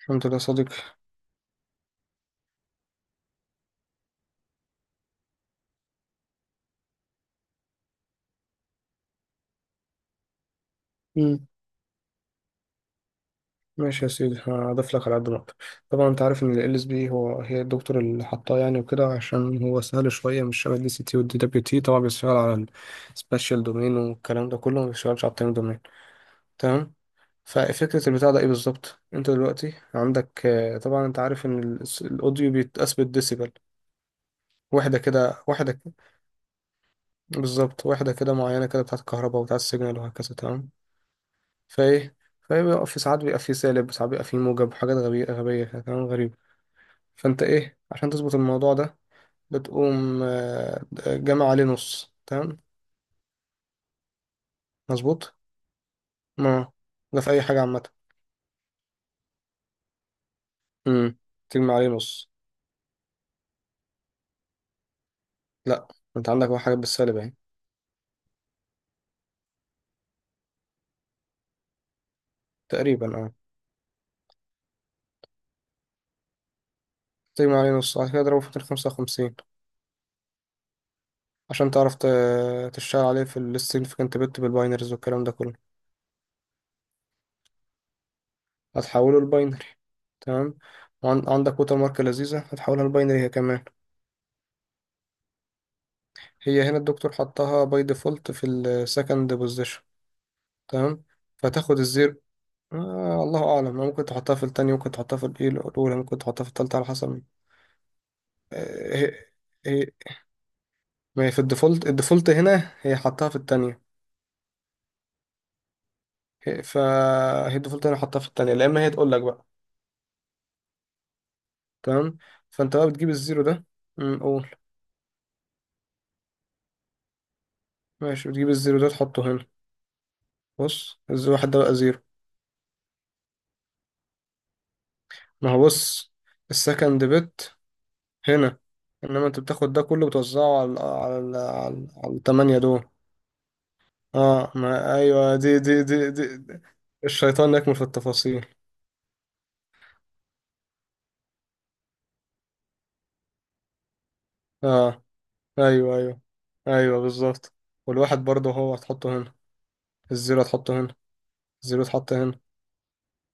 الحمد لله يا صديقي. مم. ماشي يا سيدي، هضيف لك على قد ما اقدر. طبعا انت عارف ان ال اس بي هو هي الدكتور اللي حطاه يعني وكده، عشان هو سهل شويه، مش شبه الدي سي تي والدي دبليو تي. طبعا بيشتغل على السبيشال دومين والكلام ده كله، ما بيشتغلش على التايم دومين. تمام. ففكره البتاع ده ايه بالظبط؟ انت دلوقتي عندك طبعا انت عارف ان الاوديو بيتقاس بالديسيبل. واحده كده، بالظبط، واحده كده معينه كده بتاعت الكهرباء وبتاعت السيجنال وهكذا. تمام. فايه فايه بيبقى في ساعات بيبقى فيه سالب، وساعات بيبقى فيه موجب، وحاجات غبية غبية كده، كلام غريب. فانت ايه عشان تظبط الموضوع ده؟ بتقوم جامع عليه نص. تمام مظبوط. ما ده في اي حاجة عامة. امم تجمع عليه نص. لا، انت عندك واحد حاجة بالسالب اهي. تقريبا اه. تجمع عليه نص، بعد كده اضربه في 255، عشان تعرف تشتغل عليه في السيجنفكنت بت بالباينرز والكلام ده كله. هتحوله لباينري. تمام. وعندك ووتر مارك لذيذة، هتحولها لباينري هي كمان. هي هنا الدكتور حطها باي ديفولت في السكند بوزيشن. تمام. فتاخد الزيرو. آه، الله اعلم، ممكن تحطها في التانية، ممكن تحطها في الإيه الاولى، ممكن تحطها في التالتة، على حسب. آه، هي هي ما هي في الديفولت هنا هي حطها في التانية. فهي الديفولت هنا حطها في التانية، لا اما هي تقول لك بقى. تمام. فانت بقى بتجيب الزيرو ده. قول. ماشي، بتجيب الزيرو ده تحطه هنا. بص، الزيرو واحد ده بقى زيرو. ما هو بص، السكند بت هنا. انما انت بتاخد ده كله، بتوزعه على التمانية دول. اه، ما ايوه. دي. الشيطان يكمن في التفاصيل. اه، ايوه ايوه ايوه، بالظبط. والواحد برضه هو هتحطه هنا. الزيرو هتحطه هنا. الزيرو اتحط هنا.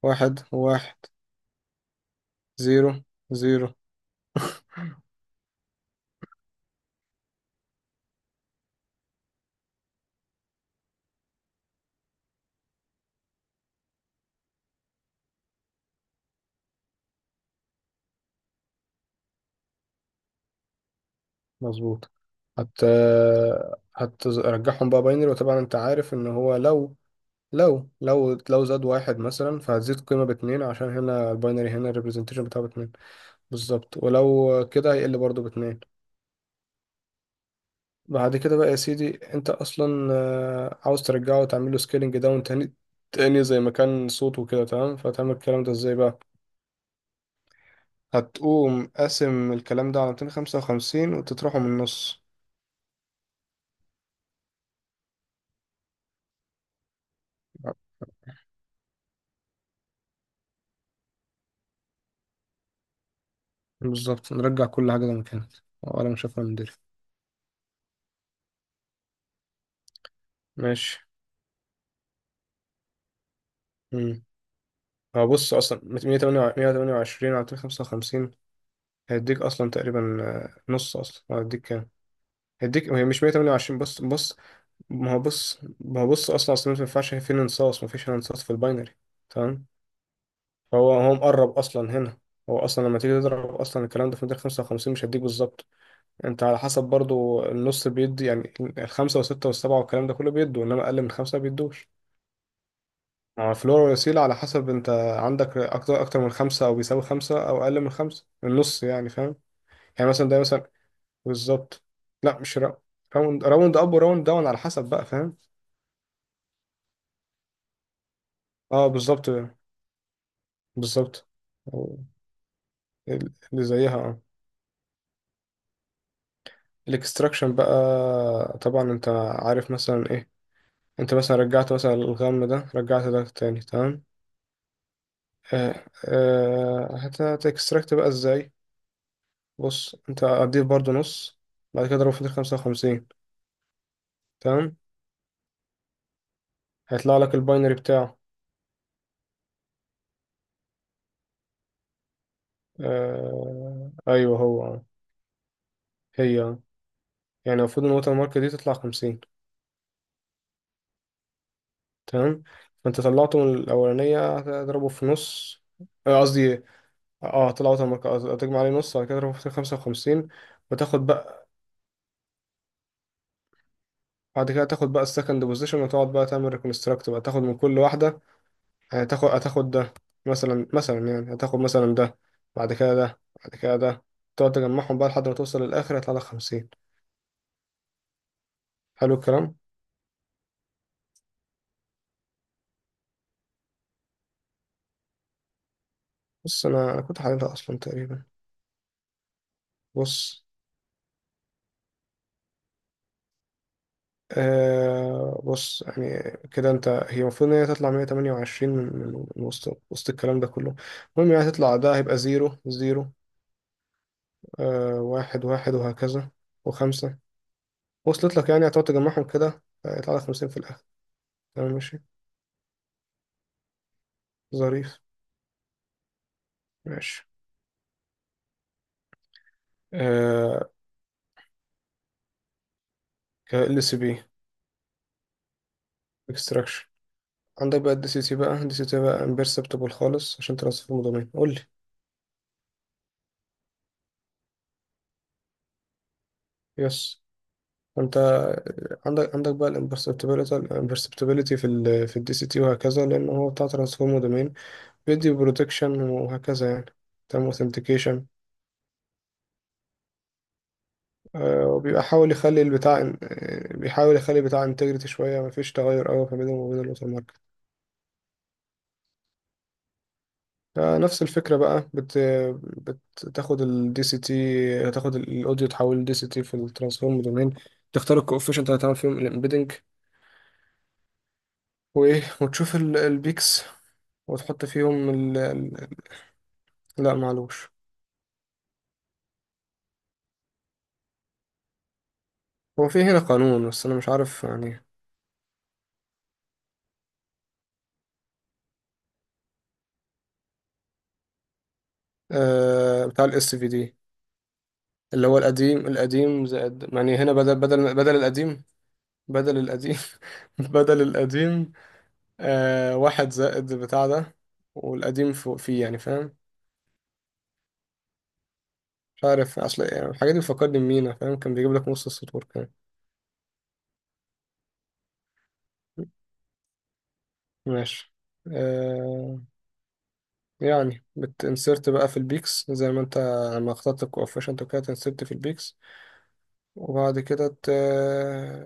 واحد واحد. زيرو زيرو. مظبوط. هت هترجعهم بقى باينري. وطبعا انت عارف ان هو لو زاد واحد مثلا، فهتزيد قيمة باتنين، عشان هنا الباينري، هنا الريبريزنتيشن بتاعه باتنين. بالظبط. ولو كده هيقل برضه باتنين. بعد كده بقى يا سيدي، انت اصلا عاوز ترجعه وتعمل له سكيلنج داون تاني، زي ما كان صوته كده. تمام. فتعمل الكلام ده ازاي بقى؟ هتقوم قاسم الكلام ده على 255 وتطرحه من النص. بالظبط، نرجع كل حاجة زي ما كانت، ولا مشافة من دري. ماشي. امم هو بص، اصلا 128 على 255 هيديك اصلا تقريبا نص. اصلا هيديك كام؟ هيديك، هي مش 128. بص بص. ما هو بص ما هو بص، اصلا ما ينفعش في انصاص، ما فيش انصاص في الباينري. تمام. فهو مقرب اصلا هنا. هو اصلا لما تيجي تضرب اصلا الكلام ده في مدار 55، مش هيديك بالظبط. انت على حسب برضو النص بيدي، يعني الخمسه والسته والسبعه والكلام ده كله بيدوا، انما اقل من خمسه بيدوش. ما هو الفلور والوسيله على حسب انت. عندك اكتر من خمسه، او بيساوي خمسه، او اقل من خمسه النص يعني، فاهم؟ يعني مثلا ده مثلا، بالظبط. لا، مش را- راوند اب وراوند داون على حسب بقى، فاهم. اه بالظبط بالظبط. أو اللي زيها، اه. الاكستراكشن بقى. طبعا انت عارف مثلا ايه. انت مثلا رجعت مثلا الغم ده، رجعت ده تاني، تمام. هتكستراكت بقى ازاي؟ بص، انت هتضيف برضو نص، بعد كده اضربه في ال 55. تمام، هيطلع لك الباينري بتاعه. آه ايوه، هو هي آه. يعني المفروض ان الوتر مارك دي تطلع 50. تمام. فانت طلعته من الاولانيه، هتضربه في نص. قصدي اه، طلعوا تمك. تجمع عليه نص، على كده تروح في 55. وتاخد بقى، بعد كده تاخد بقى السكند بوزيشن، وتقعد بقى تعمل ريكونستراكت بقى، تاخد من كل واحدة. يعني هتاخد ده، مثلا يعني، هتاخد مثلا ده، بعد كده ده، بعد كده ده. تقعد تجمعهم بقى لحد ما توصل للآخر، هيطلع لك 50. حلو الكلام. بص، أنا كنت حللها أصلا تقريبا. بص بص، يعني كده انت. هي المفروض ان هي تطلع 128 من وسط الكلام ده كله. المهم يعني هتطلع ده، هيبقى زيرو زيرو، آه واحد واحد، وهكذا. وخمسة، وصلت لك، يعني هتقعد تجمعهم كده، يطلع لك 50 في الآخر. تمام، ماشي، ظريف. ماشي. آه، ك ال سي بي اكستراكشن. عندك بقى الدي سي تي بقى، امبرسبتبل خالص عشان ترصف المضامين، قول لي. يس. انت عندك بقى الامبرسبتبيليتي في في الدي سي تي وهكذا، لان هو بتاع ترانسفورم دومين، بيدي بروتكشن وهكذا يعني. تمام. اوثنتيكيشن وبيبقى حاول يخلي البتاع آه، بيحاول يخلي البتاع انتجريتي شوية، مفيش تغير قوي ما بينهم وبين الوتر ماركت. فنفس الفكرة بقى. بت... بتاخد الدي سي تي، تاخد الاوديو، تحول لدي سي تي في الترانسفورم دومين. تختار الكوفيشنت اللي هتعمل فيهم الامبيدنج، وايه وتشوف البيكس، وتحط فيهم ال... ال-. لا، معلوش. هو في هنا قانون، بس انا مش عارف يعني. آه، بتاع الاس في دي، اللي هو القديم، القديم زائد، يعني هنا بدل بدل بدل القديم. بدل القديم. بدل القديم. آه، واحد زائد بتاع ده، والقديم فوق فيه، يعني فاهم. مش عارف، اصل يعني الحاجات دي بتفكرني بمينا، فاهم، كان بيجيب لك نص السطور كمان. ماشي. آه. يعني بتنسرت بقى في البيكس، زي ما انت لما اخترت الكوفيشنت وكده، تنسرت في البيكس. وبعد كده ت...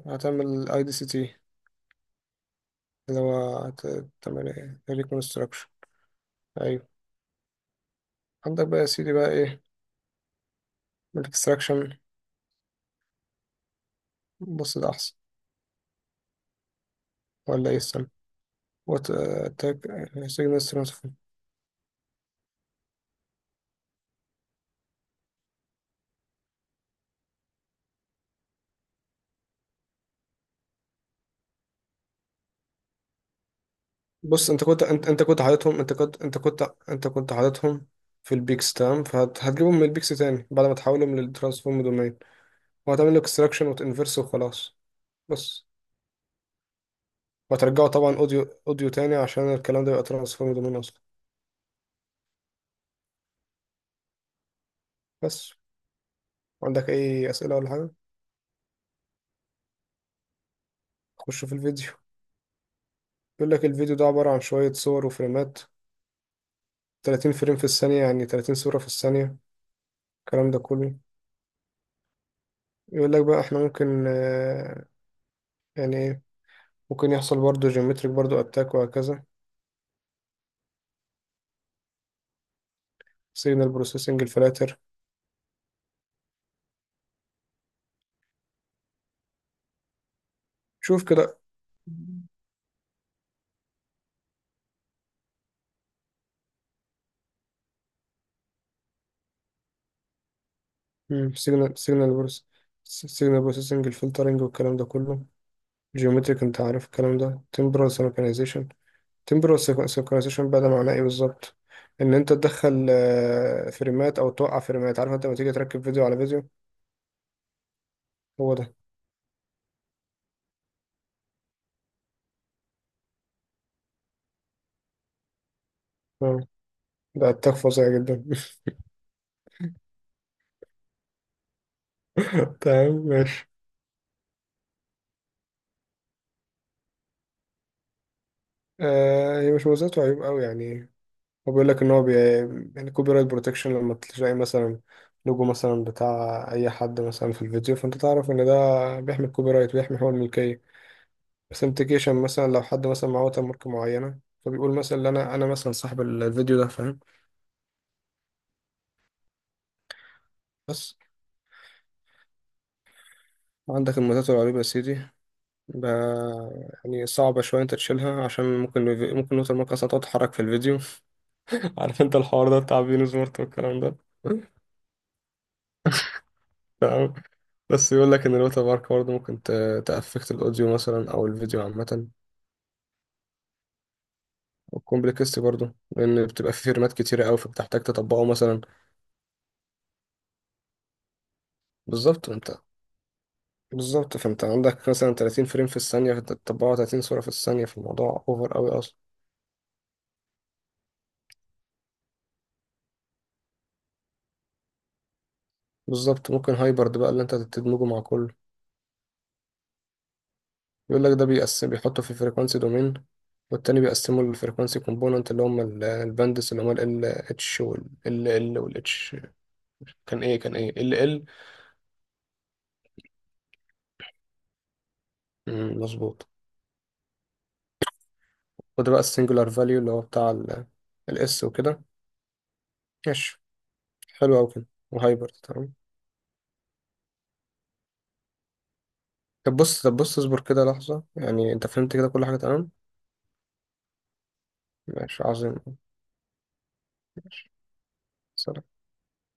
هتعمل اي دي سي تي، اللي هو تعمل ايه ريكونستراكشن. ايوه. عندك بقى يا سيدي بقى ايه. الاكستراكشن. بص ده احسن، ولا ايه السنة وات اتاك سيجنال. بص، انت كنت حاططهم. انت كنت حاططهم في البيكس، تمام. فهتجيبهم من البيكس تاني، بعد ما تحولهم للترانسفورم دومين. وهتعمل له اكستراكشن، وتنفرس وخلاص. بس. وهترجعه طبعا اوديو، تاني. عشان الكلام ده يبقى ترانسفورم دومين اصلا. بس. عندك اي اسئله ولا حاجه؟ خش في الفيديو. بيقول لك الفيديو ده عباره عن شويه صور وفريمات. 30 فريم في الثانيه، يعني 30 صوره في الثانيه، الكلام ده كله. يقول لك بقى احنا ممكن يعني، ممكن يحصل برضو جيومتريك برضو اتاك وهكذا. سيجنال بروسيسنج الفلاتر. شوف كده. سيجنال سيجنال بروسيسنج الفلترنج والكلام ده كله. جيومتريك، انت عارف الكلام ده. تمبرال سينكرونايزيشن. تمبرال سينكرونايزيشن بقى، ده معناه ايه بالظبط؟ ان انت تدخل فريمات او توقع فريمات، عارف انت لما تيجي تركب فيديو على فيديو، هو ده. آه، ده اتاك فظيع جدا. تمام ماشي. هي مش مميزات وعيوب قوي يعني. هو بيقول لك ان هو بي... يعني كوبي رايت بروتكشن، لما تلاقي مثلا لوجو مثلا بتاع اي حد مثلا في الفيديو، فانت تعرف ان ده بيحمي الكوبي رايت، بيحمي حقوق الملكيه. اوثنتيكيشن مثلا، لو حد مثلا معاه ووتر مارك معينه، فبيقول مثلا إن انا مثلا صاحب الفيديو ده، فاهم. بس. عندك الميزات الرهيبة يا سيدي. ب... يعني صعبة شوية انت تشيلها، عشان ممكن الوتر مارك اصلا تقعد تتحرك في الفيديو. عارف انت الحوار ده بتاع بينو سمارت والكلام ده. بس يقول لك ان الوتر مارك برضه ممكن تأفكت الاوديو مثلا او الفيديو عامه. والكومبلكس برضه، لان بتبقى في فيرمات كتيره قوي، فبتحتاج تطبقه مثلا. بالظبط انت بالظبط، فانت عندك مثلا 30 فريم في الثانيه، فانت تطبقه 30 صوره في الثانيه في الموضوع، اوفر قوي اصلا. بالظبط. ممكن هايبرد بقى اللي انت تدمجه مع كله. يقول لك ده بيقسم، بيحطه في فريكوانسي دومين. والتاني بيقسمه الفريكوانسي كومبوننت اللي هم الباندس، اللي هم ال اتش وال ال ال وال اتش. كان ايه كان ايه ال ال. مظبوط. وده بقى السنجولار فاليو اللي هو بتاع الاس وكده. ماشي. حلو أوي كده. وهايبر. تمام. طب بص، اصبر كده لحظة، يعني انت فهمت كده كل حاجة تمام. ماشي عظيم. ماشي. سلام.